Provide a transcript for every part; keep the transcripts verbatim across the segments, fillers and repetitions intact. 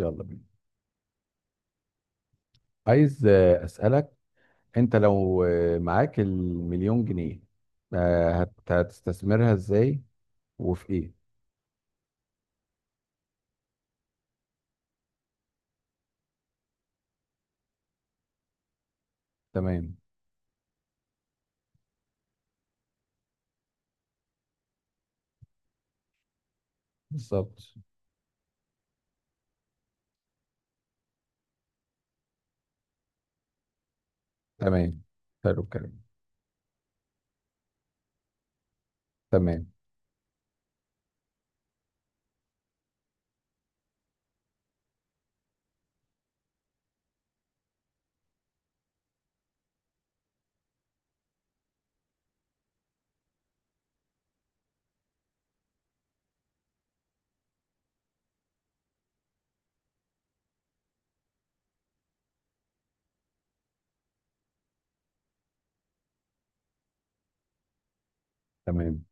يلا بينا. عايز آه، أسألك، أنت لو آه، معاك المليون جنيه، آه، هت- هتستثمرها إزاي وفي إيه؟ تمام. بالظبط. تمام. حلو الكلام. تمام. تمام.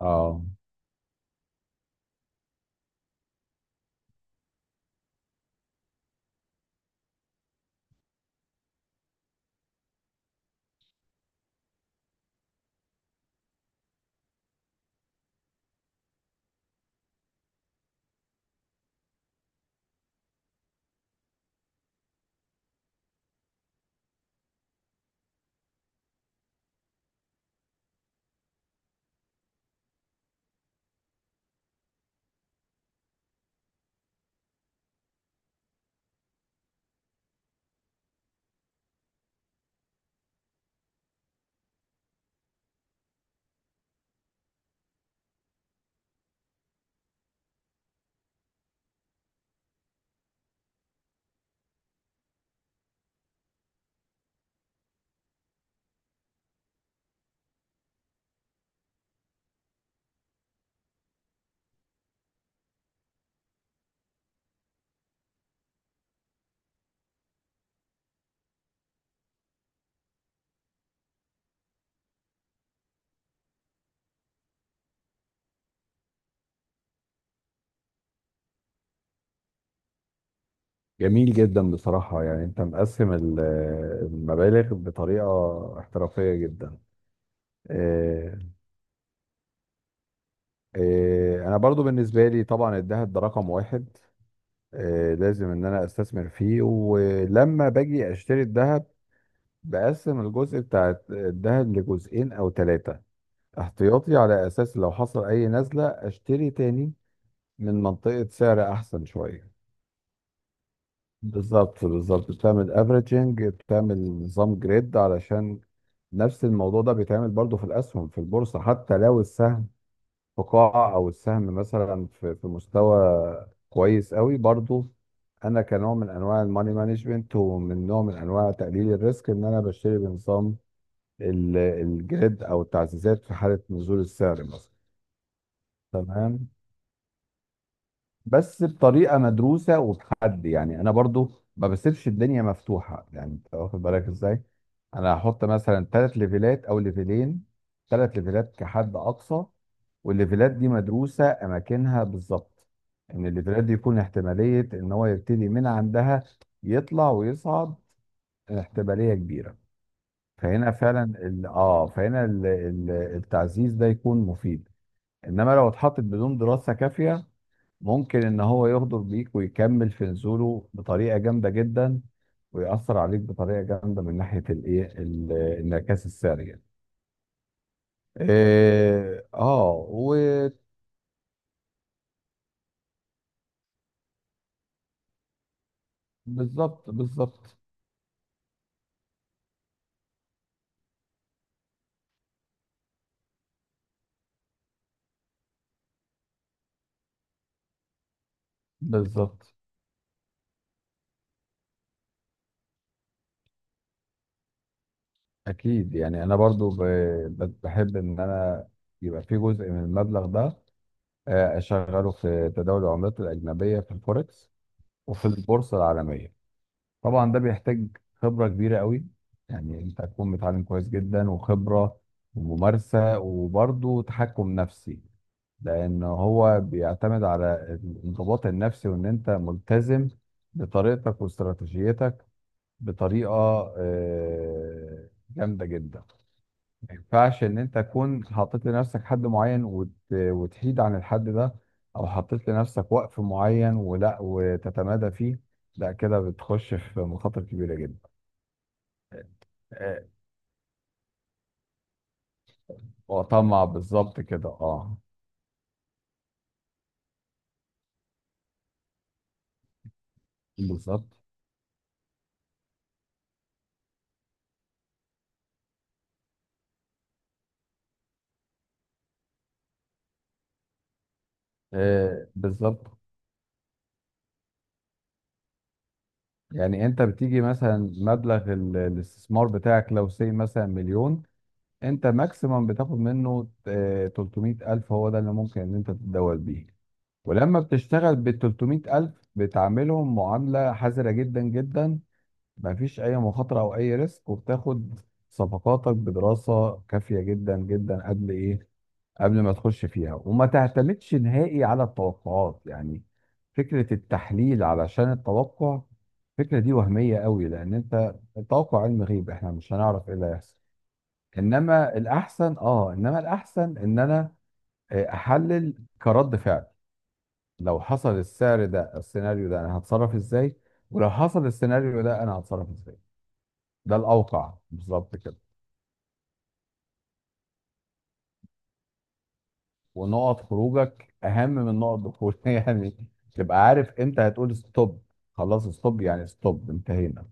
آه. جميل جدا بصراحة، يعني أنت مقسم ال- آه، المبالغ بطريقة احترافية جدا. آه، آه، أنا برضو بالنسبة لي طبعا الذهب ده رقم واحد. آه، لازم إن أنا أستثمر فيه. ولما باجي أشتري الذهب بقسم الجزء بتاع الذهب لجزئين او ثلاثة، احتياطي على اساس لو حصل اي نزلة اشتري تاني من منطقة سعر احسن شوية. بالظبط. بالظبط بتعمل افريجنج، بتعمل نظام جريد، علشان نفس الموضوع ده بيتعمل برضو في الاسهم في البورصة. حتى لو السهم في قاعة، او السهم مثلا في في مستوى كويس قوي، برضو انا كنوع من انواع الماني مانجمنت ومن نوع من انواع تقليل الريسك، ان انا بشتري بنظام ال- الجريد او التعزيزات في حاله نزول السعر مثلا. تمام. بس بطريقه مدروسه وبحد، يعني انا برضو ما بسيبش الدنيا مفتوحه، يعني انت واخد بالك ازاي. انا هحط مثلا ثلاث ليفلات او ليفلين، ثلاث ليفلات كحد اقصى، والليفلات دي مدروسه اماكنها بالظبط، ان الليفلات دي يكون احتماليه ان هو يبتدي من عندها، يطلع ويصعد، احتماليه كبيره. فهنا فعلا ال... اه فهنا ال... ال... التعزيز ده يكون مفيد. انما لو اتحطت بدون دراسه كافيه، ممكن ان هو يغدر بيك ويكمل في نزوله بطريقه جامده جدا، ويأثر عليك بطريقه جامده من ناحيه الايه ال- الانعكاس السريع. اه آه، وبالظبط. بالظبط بالظبط اكيد. يعني انا برضو ب... ب- بحب ان انا يبقى في جزء من المبلغ ده، آه، اشغله في تداول العملات الاجنبيه في الفوركس وفي البورصة العالمية. طبعا ده بيحتاج خبرة كبيرة قوي، يعني انت هتكون متعلم كويس جدا، وخبرة وممارسة وبرضه تحكم نفسي، لان هو بيعتمد على الانضباط النفسي وان انت ملتزم بطريقتك واستراتيجيتك بطريقة آه، جامدة جدا. ما ينفعش ان انت تكون حطيت لنفسك حد معين وت... وتحيد عن الحد ده، او حطيت لنفسك وقف معين ولا وتتمادى فيه. لا، كده بتخش في مخاطر كبيره جدا. آه، وطمع، بالظبط كده. اه بالظبط آه، بالظبط. يعني انت بتيجي مثلا مبلغ ال- الاستثمار بتاعك لو سي مثلا مليون، انت ماكسيمم بتاخد منه آه، ثلاثمية الف، هو ده اللي ممكن ان انت تتداول بيه. ولما بتشتغل بال ثلاثمية ألف بتعاملهم معاملة حذرة جدا جدا، مفيش أي مخاطرة أو أي ريسك. وبتاخد صفقاتك بدراسة كافية جدا جدا قبل إيه، قبل ما تخش فيها. وما تعتمدش نهائي على التوقعات، يعني فكرة التحليل علشان التوقع، الفكرة دي وهمية قوي، لأن أنت التوقع علم غيب، إحنا مش هنعرف إيه اللي هيحصل. إنما الأحسن آه إنما الأحسن إن أنا آه، أحلل كرد فعل، لو حصل السعر ده السيناريو ده انا هتصرف ازاي، ولو حصل السيناريو ده انا هتصرف ازاي. ده الاوقع بالظبط كده. ونقط خروجك اهم من نقط دخولك يعني، تبقى عارف امتى هتقول ستوب. خلاص ستوب يعني، ستوب، انتهينا.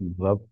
بالظبط.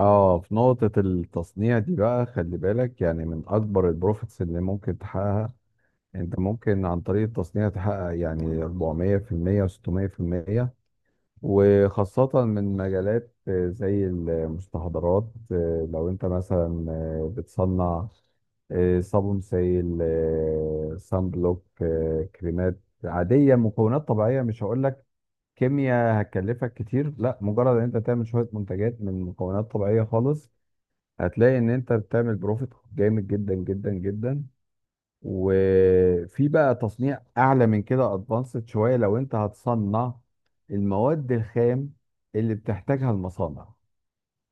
اه، في نقطة التصنيع دي بقى خلي بالك، يعني من أكبر البروفيتس اللي ممكن تحققها. أنت ممكن عن طريق التصنيع تحقق يعني أربعمية بالمية و600%، وخاصة من مجالات آه، زي المستحضرات. آه، لو انت مثلا آه، بتصنع آه، صابون سائل، صن بلوك، آه، كريمات عادية، مكونات طبيعية، مش هقول لك كيمياء هتكلفك كتير، لا، مجرد ان انت تعمل شوية منتجات من مكونات طبيعية خالص، هتلاقي ان انت بتعمل بروفيت جامد جدا جدا جدا. وفي بقى تصنيع اعلى من كده، ادفانسد شويه، لو انت هتصنع المواد الخام اللي بتحتاجها المصانع.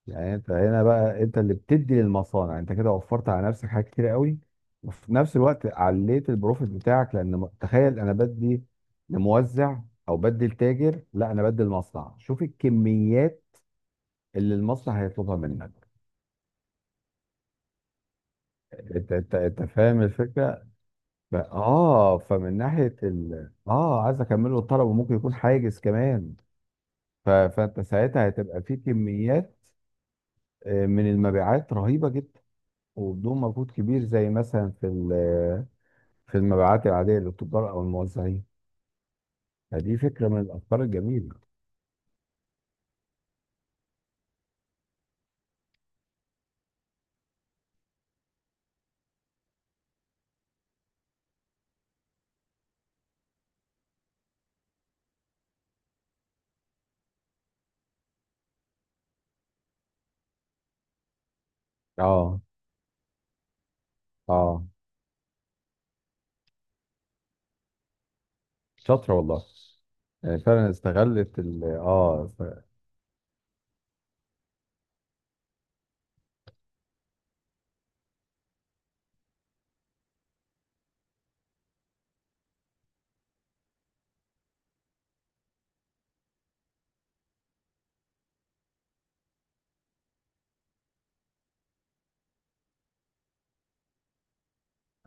يعني انت هنا بقى انت اللي بتدي للمصانع، انت كده وفرت على نفسك حاجات كتير قوي، وفي نفس الوقت عليت البروفيت بتاعك. لان م- تخيل، انا بدي لموزع او بدي لتاجر، لا، انا بدي لمصنع. شوف الكميات اللي المصنع هيطلبها منك. انت انت انت فاهم الفكره. ب- اه فمن ناحيه ال... اه عايز اكمله الطلب، وممكن يكون حاجز كمان. ف... فانت ساعتها هتبقى في كميات آه، من المبيعات رهيبه جدا، وبدون مجهود كبير، زي مثلا في ال... في المبيعات العاديه للتجار او الموزعين. فدي فكره من الافكار الجميله. اه اه. شاطره والله. آه، فعلا استغلت ال... اه ف...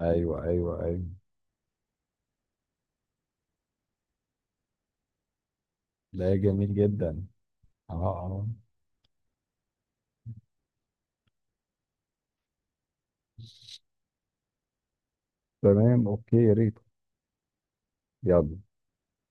ايوه ايوه ايوه. ده جميل جدا. اه اه. تمام، اوكي، يا ريت. يلا.